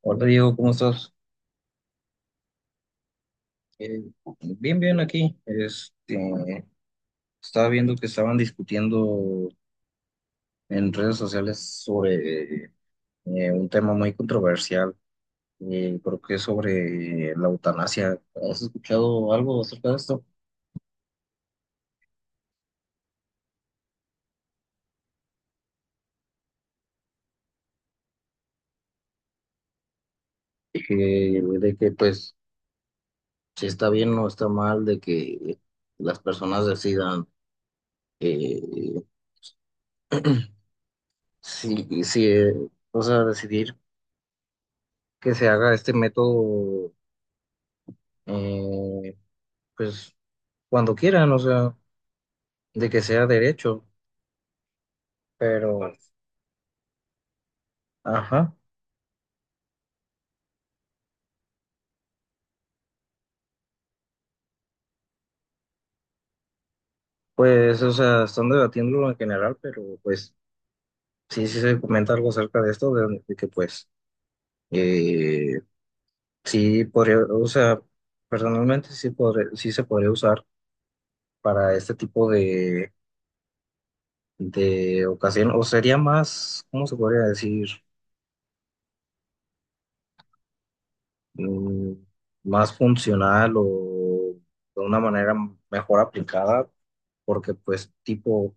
Hola Diego, ¿cómo estás? Eh, bien, bien aquí. Estaba viendo que estaban discutiendo en redes sociales sobre un tema muy controversial, creo que es sobre la eutanasia. ¿Has escuchado algo acerca de esto? De que pues si está bien o está mal, de que las personas decidan eh, si, si, o sea, decidir que se haga este método, eh, pues cuando quieran, o sea, de que sea derecho, pero, ajá, pues, o sea, están debatiéndolo en general, pero pues sí, sí se comenta algo acerca de esto, de que pues, eh, sí podría, o sea, personalmente sí, sí se podría usar para este tipo de ocasión, o sería más, ¿cómo se podría decir? Mm, más funcional o de una manera mejor aplicada, porque pues tipo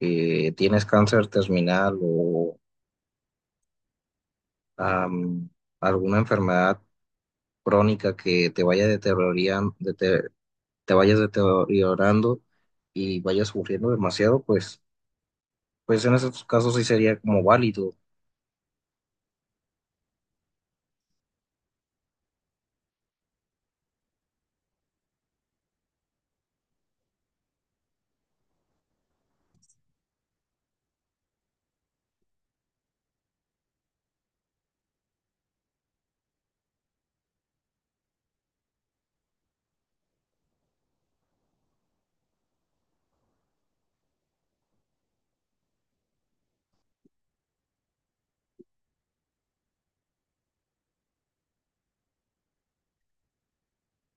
que tienes cáncer terminal o am, alguna enfermedad crónica que te vayas deteriorando y vayas sufriendo demasiado, pues, pues en esos casos sí sería como válido.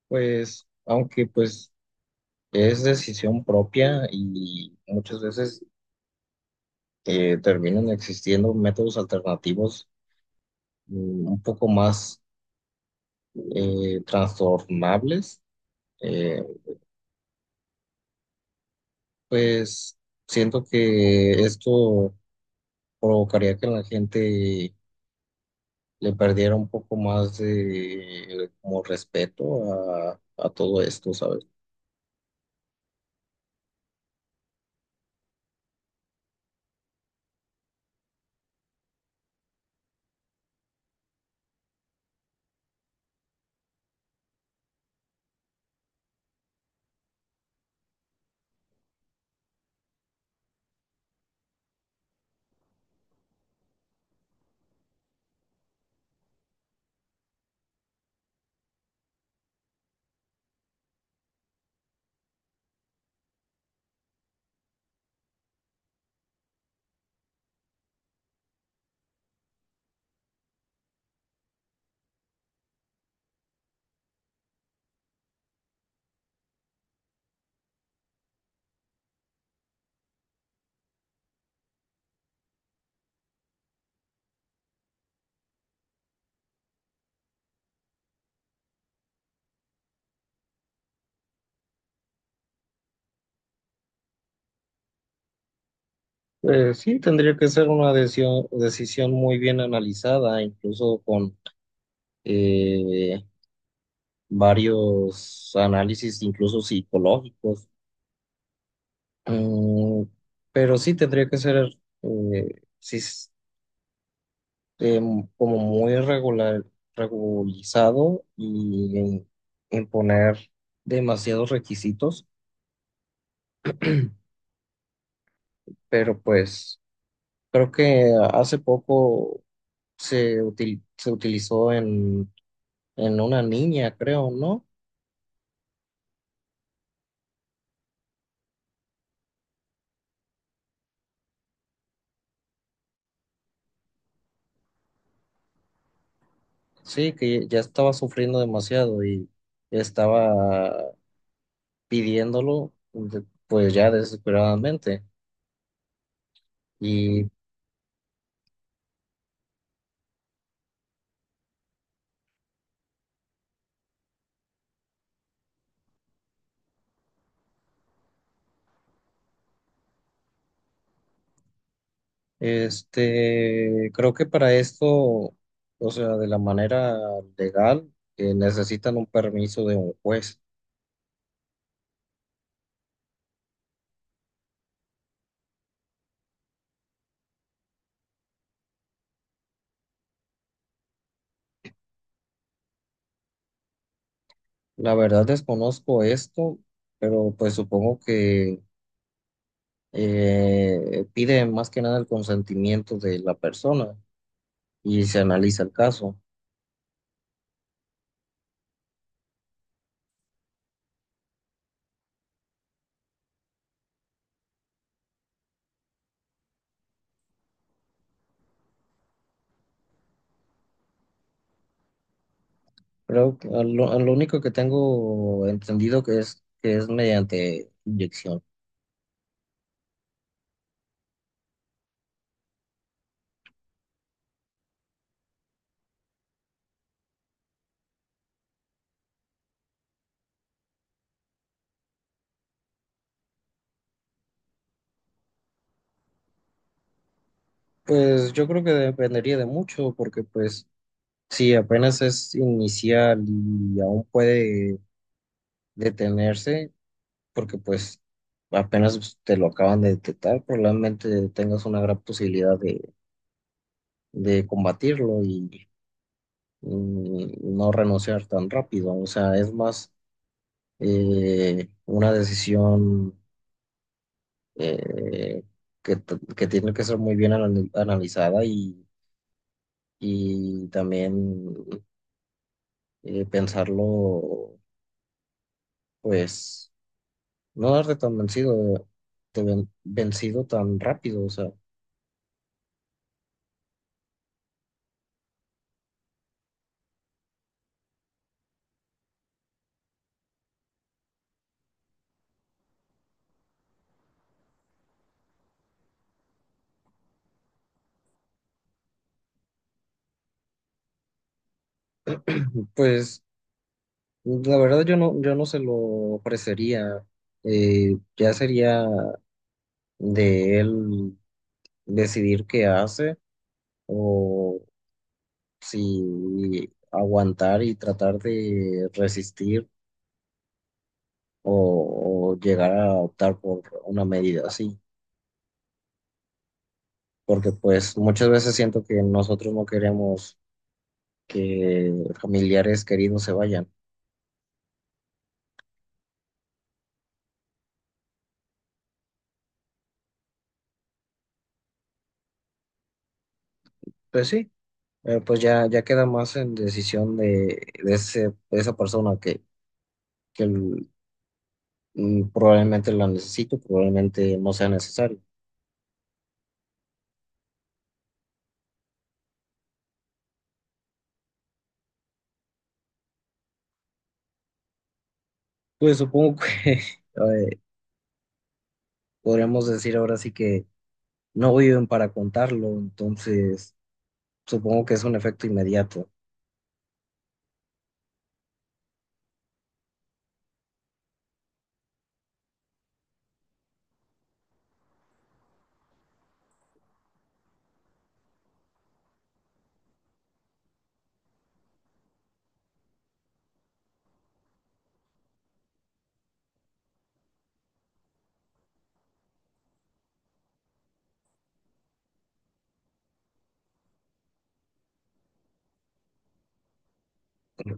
Pues, aunque pues es decisión propia y muchas veces terminan existiendo métodos alternativos, mm, un poco más trastornables. eh, Pues siento que esto provocaría que la gente le perdiera un poco más de como respeto a todo esto, ¿sabes? Pues sí, tendría que ser una decisión, decisión muy bien analizada, incluso con eh, varios análisis, incluso psicológicos. Mm, pero sí tendría que ser, sí, eh, como muy regular, regularizado y en demasiados requisitos, pero pues creo que hace poco se utilizó en una niña, creo, ¿no? Sí, que ya estaba sufriendo demasiado y estaba pidiéndolo pues ya desesperadamente. Y este, creo que para esto, o sea, de la manera legal, necesitan un permiso de un juez. La verdad desconozco esto, pero pues supongo que piden más que nada el consentimiento de la persona y se analiza el caso. Creo que a lo único que tengo entendido que es mediante inyección. Pues yo creo que dependería de mucho, porque pues sí, apenas es inicial y aún puede detenerse porque pues apenas te lo acaban de detectar, probablemente tengas una gran posibilidad de combatirlo y no renunciar tan rápido. O sea, es más una decisión eh, que tiene que ser muy bien analizada y también pensarlo, pues no darte tan vencido, de vencido tan rápido, o sea, pues la verdad yo no se lo ofrecería, ya sería de él decidir qué hace o si aguantar y tratar de resistir o llegar a optar por una medida así, porque pues muchas veces siento que nosotros no queremos que familiares queridos se vayan. Pues sí. Pues ya, ya queda más en decisión de ese, de esa persona que el- mm, probablemente la necesito, probablemente no sea necesario. Pues supongo que eh, podríamos decir ahora sí que no viven para contarlo, entonces supongo que es un efecto inmediato.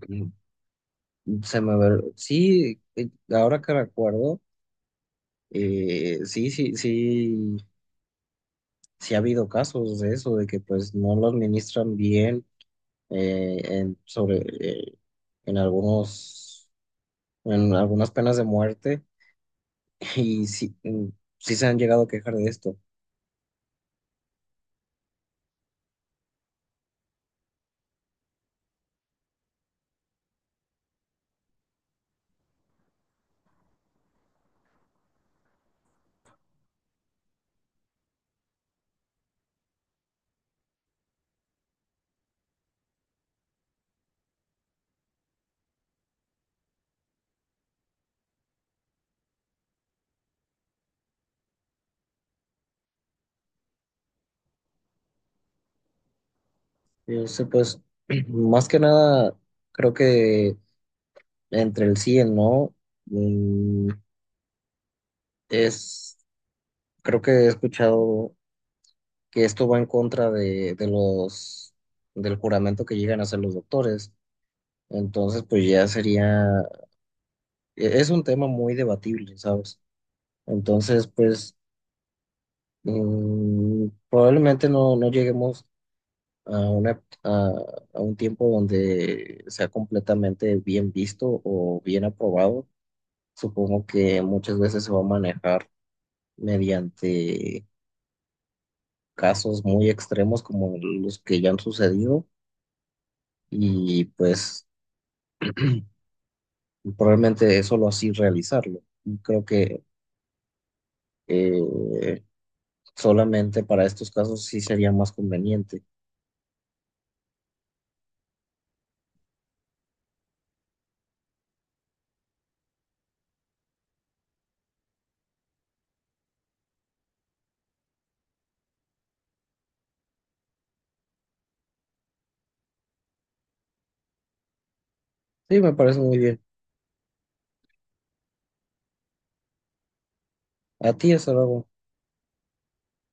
Mm, sí, ahora que recuerdo, sí, sí, sí, sí ha habido casos de eso, de que pues no lo administran bien, eh, en, sobre, eh, en algunos, en algunas penas de muerte y sí, mm, sí se han llegado a quejar de esto. Yo sé, pues, más que nada, creo que entre el sí y el no, mm, es, creo que he escuchado que esto va en contra de los, del juramento que llegan a hacer los doctores. Entonces, pues ya sería, es un tema muy debatible, ¿sabes? Entonces, pues mm, probablemente no lleguemos a, una, a, a un tiempo donde sea completamente bien visto o bien aprobado. Supongo que muchas veces se va a manejar mediante casos muy extremos como los que ya han sucedido y pues probablemente solo así realizarlo. Y creo que eh, solamente para estos casos sí sería más conveniente. Sí, me parece muy bien. A ti, hasta luego.